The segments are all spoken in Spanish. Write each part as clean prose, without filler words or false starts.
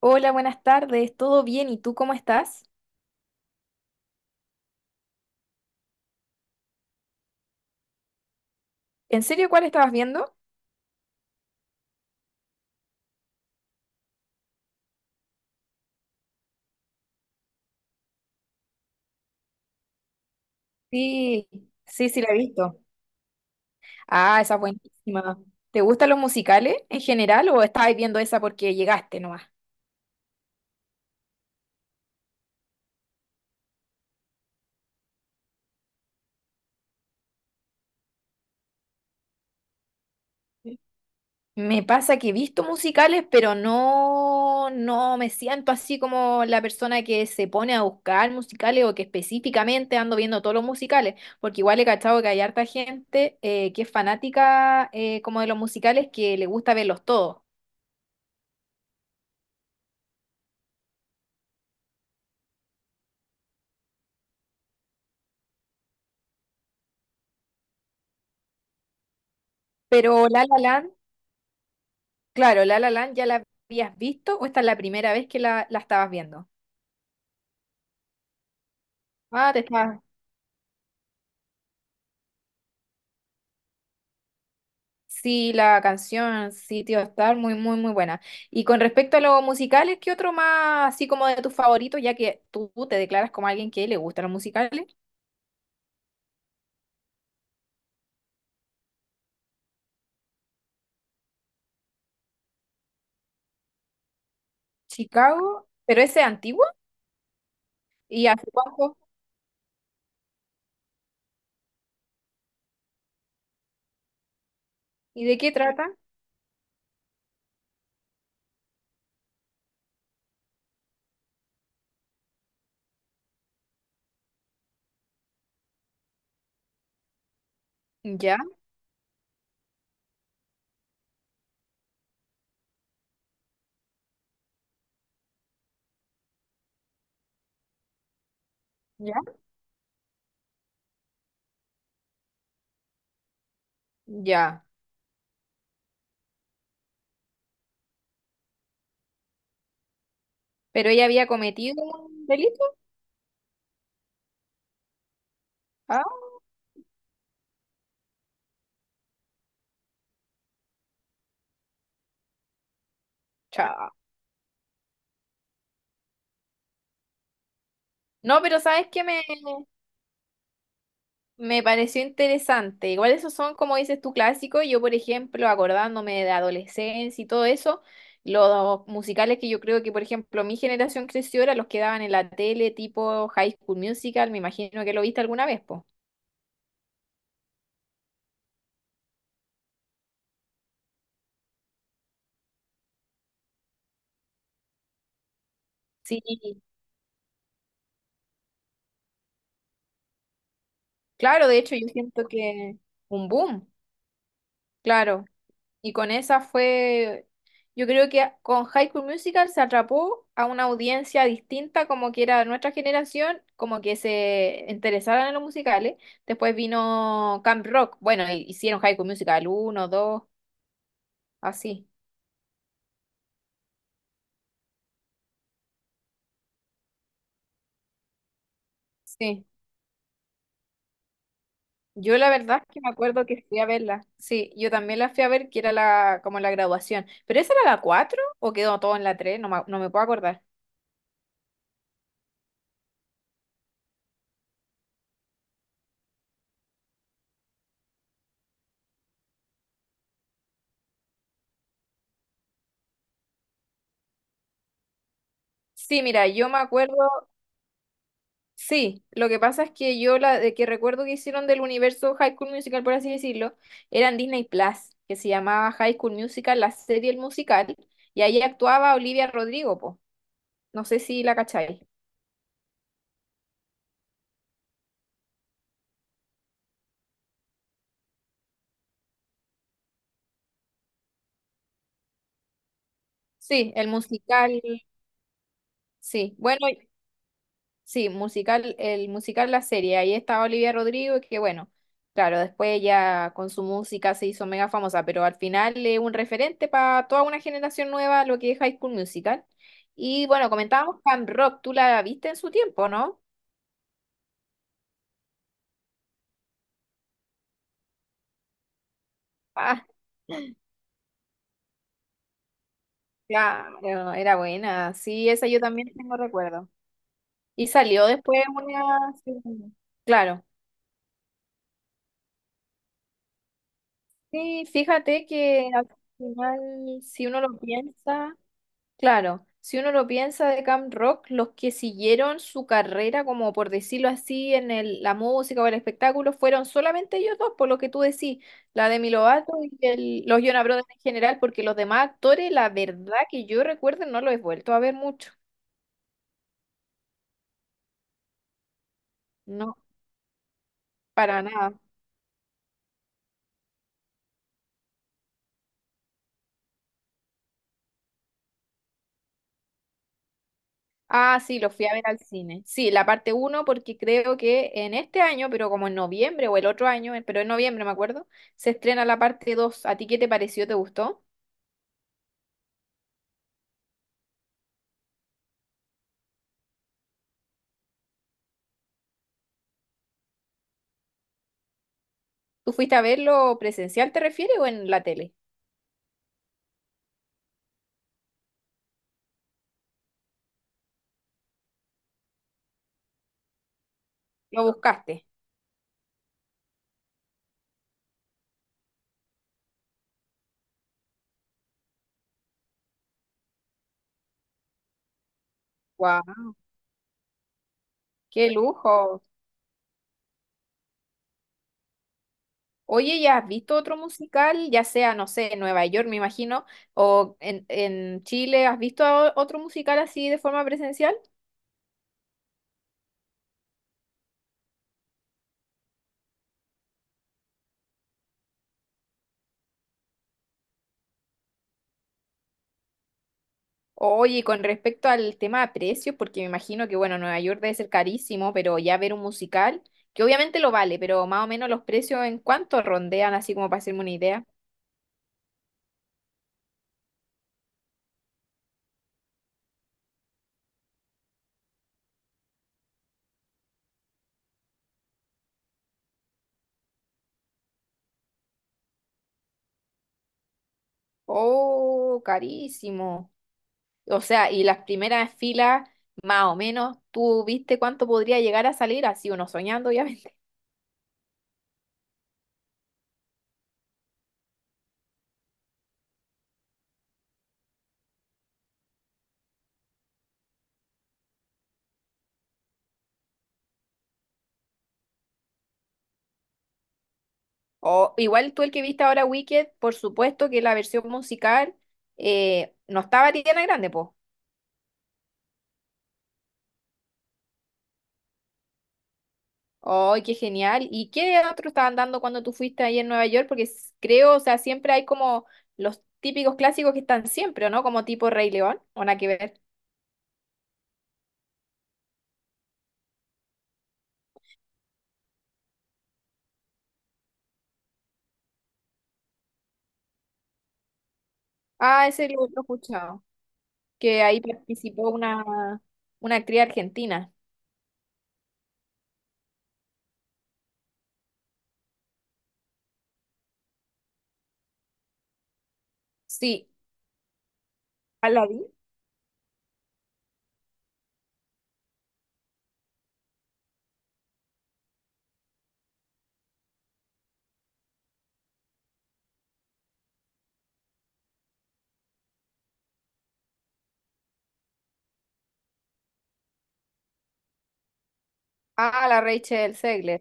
Hola, buenas tardes, ¿todo bien? ¿Y tú cómo estás? ¿En serio cuál estabas viendo? Sí, sí, sí, la he visto. Ah, esa es buenísima. ¿Te gustan los musicales en general o estabas viendo esa porque llegaste nomás? Me pasa que he visto musicales, pero no, no me siento así como la persona que se pone a buscar musicales o que específicamente ando viendo todos los musicales, porque igual he cachado que hay harta gente que es fanática como de los musicales que le gusta verlos todos. Pero La La Land. Claro, La La Land ya la habías visto, o esta es la primera vez que la estabas viendo. Ah, te estás, Sí, la canción Sitio Star, muy, muy, muy buena. Y con respecto a los musicales, ¿qué otro más así como de tus favoritos, ya que tú te declaras como alguien que le gustan los musicales? Chicago, pero ese es antiguo. ¿Y hace cuánto? ¿Y de qué trata? Ya, ya, ya. ¿Pero ella había cometido un delito? Ah, chao. No, pero ¿sabes qué me, Me pareció interesante. Igual esos son, como dices tú, clásicos. Yo, por ejemplo, acordándome de adolescencia y todo eso, los musicales que yo creo que, por ejemplo, mi generación creció eran los que daban en la tele, tipo High School Musical. Me imagino que lo viste alguna vez, po. Sí, claro, de hecho, yo siento que un boom, claro. Y con esa fue, yo creo que con High School Musical se atrapó a una audiencia distinta, como que era nuestra generación, como que se interesaran en los musicales. Después vino Camp Rock, bueno, hicieron High School Musical uno 2 así. Sí. Yo la verdad es que me acuerdo que fui a verla. Sí, yo también la fui a ver, que era la, como la graduación. ¿Pero esa era la 4 o quedó todo en la tres? No me puedo acordar. Sí, mira, yo me acuerdo Sí, lo que pasa es que yo la de que recuerdo que hicieron del universo High School Musical, por así decirlo, eran Disney Plus, que se llamaba High School Musical, la serie el musical, y ahí actuaba Olivia Rodrigo, po. No sé si la cacháis. Sí, el musical, sí. Bueno, sí, musical, el musical La Serie, ahí estaba Olivia Rodrigo, que bueno, claro, después ella con su música se hizo mega famosa, pero al final es un referente para toda una generación nueva lo que es High School Musical. Y bueno, comentábamos Camp Rock, tú la viste en su tiempo, ¿no? Ah, claro, era buena, sí, esa yo también tengo recuerdo. Y salió después una... segunda. Claro. Sí, fíjate que al final, Si uno lo piensa... Claro, si uno lo piensa de Camp Rock, los que siguieron su carrera, como por decirlo así, en la música o el espectáculo, fueron solamente ellos dos, por lo que tú decís, la Demi Lovato y los Jonas Brothers en general, porque los demás actores, la verdad que yo recuerdo, no los he vuelto a ver mucho, no, para nada. Ah, sí, los fui a ver al cine. Sí, la parte uno, porque creo que en este año, pero como en noviembre o el otro año, pero en noviembre me acuerdo, se estrena la parte dos. ¿A ti qué te pareció? ¿Te gustó? ¿Tú fuiste a verlo presencial, te refieres, o en la tele? ¿Lo buscaste? ¡Guau! ¡Qué lujo! Oye, ¿ya has visto otro musical? Ya sea, no sé, en Nueva York, me imagino, o en Chile, ¿has visto otro musical así de forma presencial? Oye, y con respecto al tema de precios, porque me imagino que, bueno, Nueva York debe ser carísimo, pero ya ver un musical, que obviamente lo vale, pero más o menos los precios en cuánto rondean, así como para hacerme una idea. ¡Oh, carísimo! O sea, y las primeras filas, más o menos, tú viste cuánto podría llegar a salir, así uno soñando, obviamente. O igual tú el que viste ahora Wicked, por supuesto que la versión musical, no estaba Ariana Grande, po. ¡Ay, qué genial! ¿Y qué otro estaban dando cuando tú fuiste ahí en Nueva York? Porque creo, o sea, siempre hay como los típicos clásicos que están siempre, ¿o no? Como tipo Rey León, o nada que ver. Ah, ese lo he escuchado, que ahí participó una actriz argentina. Sí, Aladdin. Ah, la Rachel Zegler.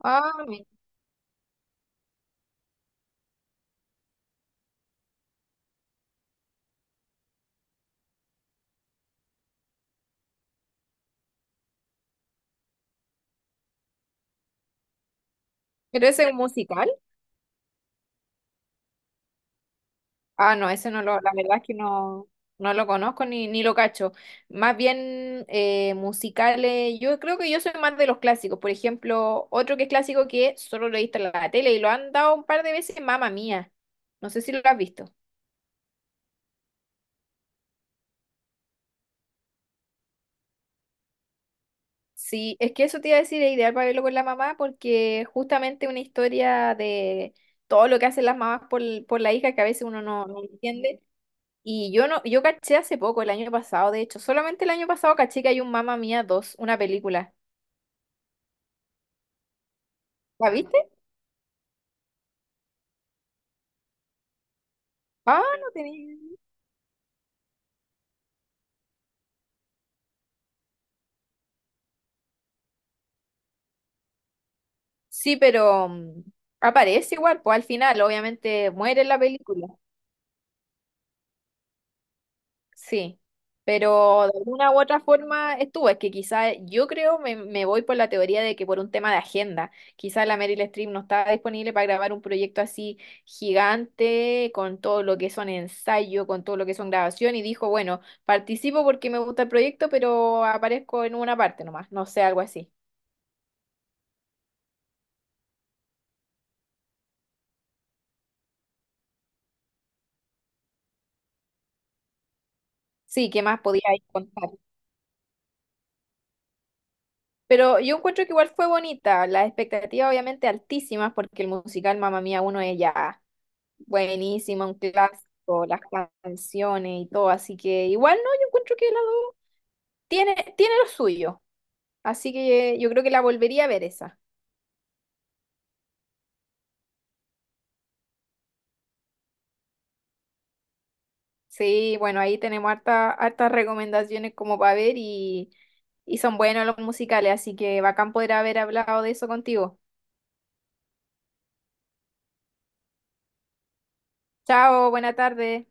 Ah, mi- pero ese es un musical. Ah, no, ese no lo, la verdad es que no, no lo conozco ni lo cacho. Más bien musicales, yo creo que yo soy más de los clásicos. Por ejemplo, otro que es clásico que solo lo he visto en la tele y lo han dado un par de veces, Mamma Mía. No sé si lo has visto. Sí, es que eso te iba a decir, es ideal para verlo con la mamá porque justamente una historia de todo lo que hacen las mamás por la hija que a veces uno no, no entiende. Y yo no, yo caché hace poco, el año pasado, de hecho, solamente el año pasado caché que hay un Mamma Mía dos, una película. ¿La viste? Ah, no tenía idea. Sí, pero mm, aparece igual, pues al final, obviamente muere en la película. Sí, pero de alguna u otra forma estuvo. Es que quizá yo creo, me voy por la teoría de que por un tema de agenda, quizá la Meryl Streep no estaba disponible para grabar un proyecto así gigante, con todo lo que son ensayo, con todo lo que son grabación, y dijo, bueno, participo porque me gusta el proyecto, pero aparezco en una parte nomás, no sé, algo así. Sí, ¿qué más podía ahí contar? Pero yo encuentro que igual fue bonita, las expectativas obviamente altísimas, porque el musical Mamma Mía uno es ya buenísima, un clásico, las canciones y todo, así que igual no, yo encuentro que la dos tiene, tiene lo suyo, así que yo creo que la volvería a ver esa. Sí, bueno, ahí tenemos harta, hartas recomendaciones como para ver y son buenos los musicales, así que bacán poder haber hablado de eso contigo. Chao, buena tarde.